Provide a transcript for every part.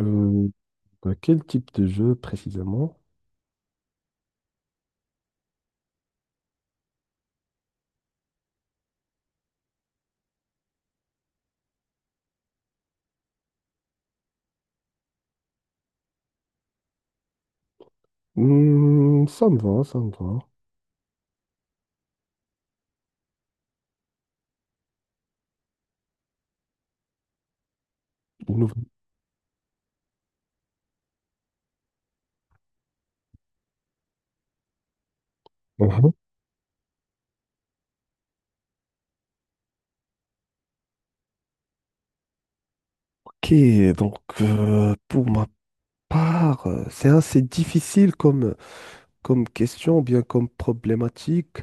Euh, bah, quel type de jeu précisément? Hmm, ça me va, ça me va. Innovant. Mhm. Ok, donc pour ma part, c'est assez difficile comme, comme question, ou bien comme problématique.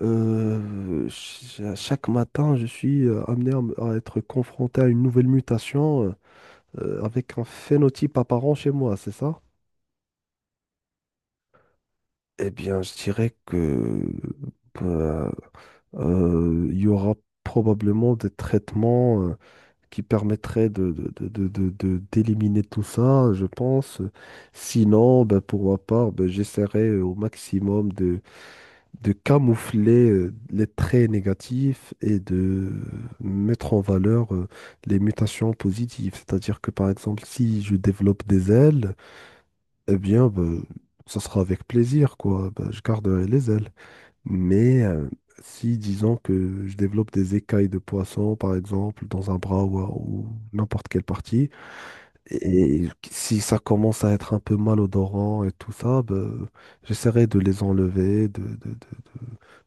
À chaque matin, je suis amené à, à être confronté à une nouvelle mutation avec un phénotype apparent chez moi, c'est ça? Eh bien, je dirais que euh, il y aura probablement des traitements qui permettraient d'éliminer tout ça, je pense. Sinon, ben, pour ma part, ben, j'essaierai au maximum de camoufler les traits négatifs et de mettre en valeur les mutations positives. C'est-à-dire que, par exemple, si je développe des ailes, eh bien, ben, ça sera avec plaisir, quoi. Ben, je garderai les ailes. Mais si, disons que je développe des écailles de poisson, par exemple, dans un bras ou n'importe quelle partie, et si ça commence à être un peu malodorant et tout ça, ben, j'essaierai de les enlever, de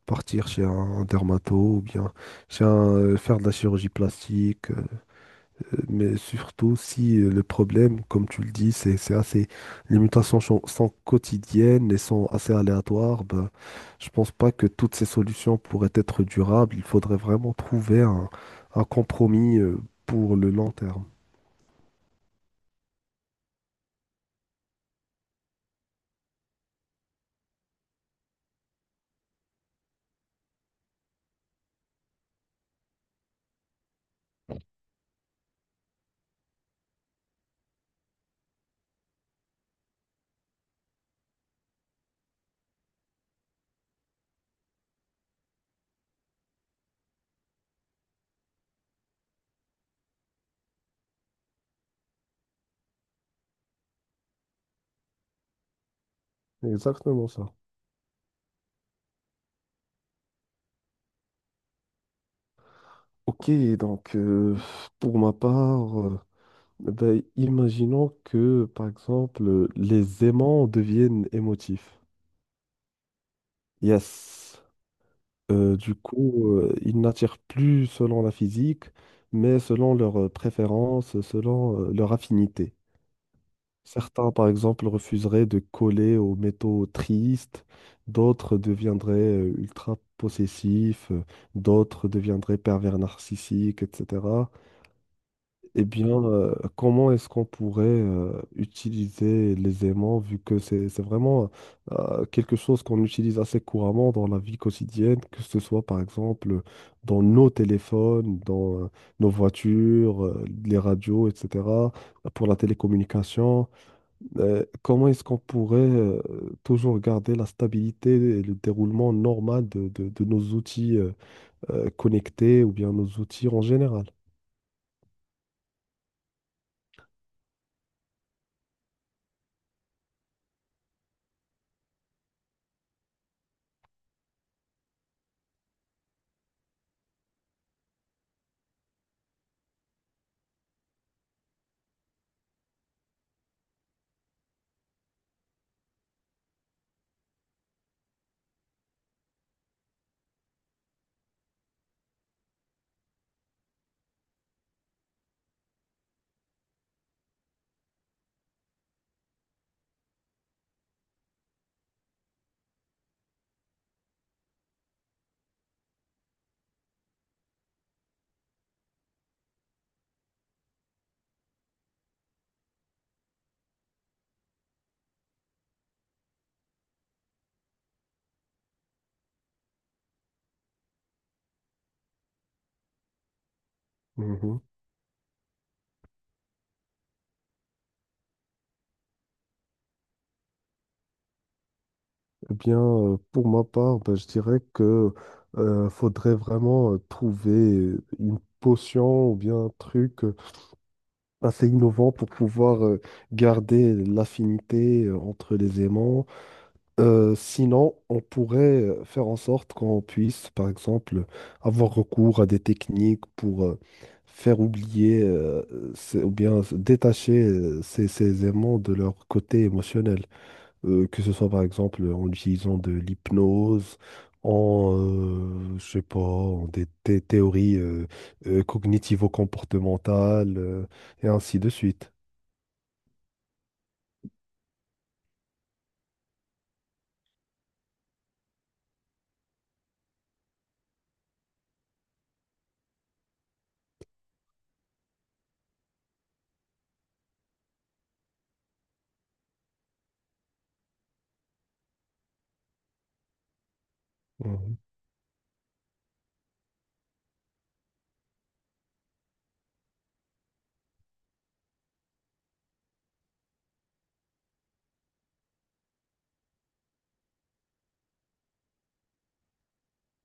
partir chez un dermato ou bien chez un, faire de la chirurgie plastique. Mais surtout si le problème, comme tu le dis, c'est assez... Les mutations sont, sont quotidiennes et sont assez aléatoires, ben, je pense pas que toutes ces solutions pourraient être durables. Il faudrait vraiment trouver un compromis pour le long terme. Exactement ça. Ok, donc pour ma part, ben, imaginons que par exemple les aimants deviennent émotifs. Yes. Du coup, ils n'attirent plus selon la physique, mais selon leurs préférences, selon leur affinité. Certains, par exemple, refuseraient de coller aux métaux tristes, d'autres deviendraient ultra possessifs, d'autres deviendraient pervers narcissiques, etc. Eh bien, comment est-ce qu'on pourrait utiliser les aimants, vu que c'est vraiment quelque chose qu'on utilise assez couramment dans la vie quotidienne, que ce soit par exemple dans nos téléphones, dans nos voitures, les radios, etc., pour la télécommunication. Comment est-ce qu'on pourrait toujours garder la stabilité et le déroulement normal de, de nos outils connectés ou bien nos outils en général? Eh bien, pour ma part, ben, je dirais que faudrait vraiment trouver une potion ou bien un truc assez innovant pour pouvoir garder l'affinité entre les aimants. Sinon, on pourrait faire en sorte qu'on puisse, par exemple, avoir recours à des techniques pour faire oublier ou bien détacher ces, ces aimants de leur côté émotionnel que ce soit par exemple en utilisant de l'hypnose, en, je sais pas, en des, théories cognitivo-comportementales, et ainsi de suite. Mhm.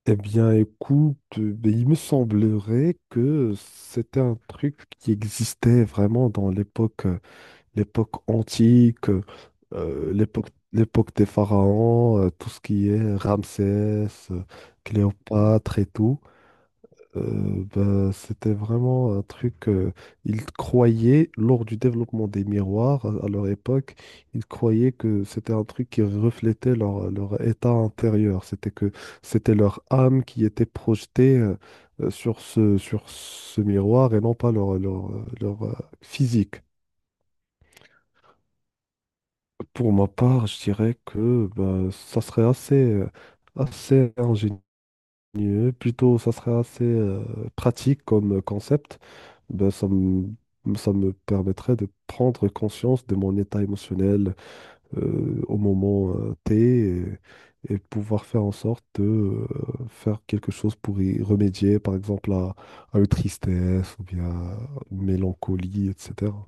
Eh bien, écoute, ben, il me semblerait que c'était un truc qui existait vraiment dans l'époque, l'époque antique, l'époque, l'époque des pharaons, tout ce qui est Ramsès, Cléopâtre et tout. Ben, c'était vraiment un truc. Ils croyaient, lors du développement des miroirs à leur époque, ils croyaient que c'était un truc qui reflétait leur, leur état intérieur. C'était que c'était leur âme qui était projetée sur ce miroir et non pas leur, leur, leur, physique. Pour ma part, je dirais que ben, ça serait assez, assez ingénieux mieux. Plutôt, ça serait assez pratique comme concept. Ben, ça me, ça me permettrait de prendre conscience de mon état émotionnel au moment T et pouvoir faire en sorte de faire quelque chose pour y remédier, par exemple à une tristesse ou bien à une mélancolie, etc.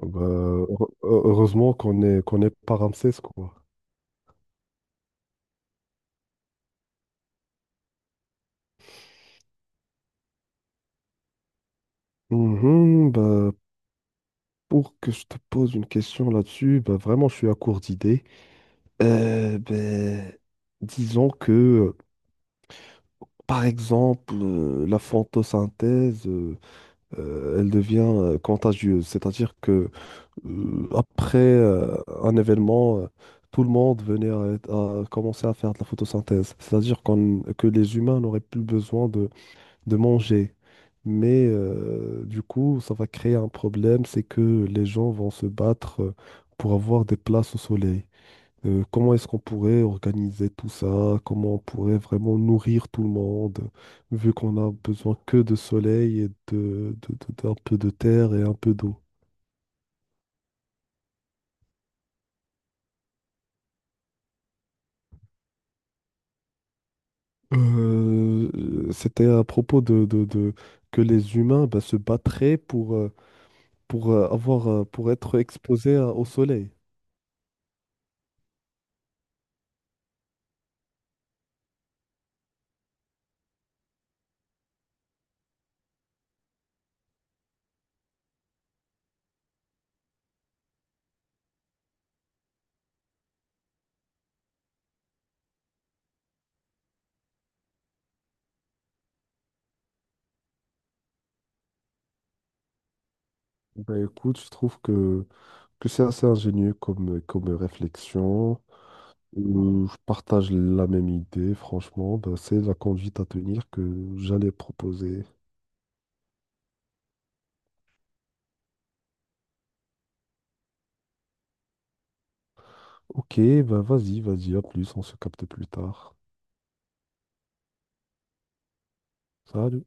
Ben, heureusement qu'on est pas Ramsès, quoi. Mhm, bah, pour que je te pose une question là-dessus, bah, vraiment, je suis à court d'idées. Ben, disons que, par exemple, la photosynthèse, elle devient contagieuse. C'est-à-dire que après un événement, tout le monde venait à commencer à faire de la photosynthèse. C'est-à-dire que les humains n'auraient plus besoin de manger. Mais du coup, ça va créer un problème, c'est que les gens vont se battre pour avoir des places au soleil. Comment est-ce qu'on pourrait organiser tout ça? Comment on pourrait vraiment nourrir tout le monde, vu qu'on a besoin que de soleil et de, d'un peu de terre et un peu d'eau. C'était à propos de, que les humains bah, se battraient pour, avoir, pour être exposés au soleil. Ben écoute, je trouve que c'est assez ingénieux comme, comme réflexion. Je partage la même idée, franchement. Bah, c'est la conduite à tenir que j'allais proposer. Ok, bah vas-y, vas-y, à plus, on se capte plus tard. Salut.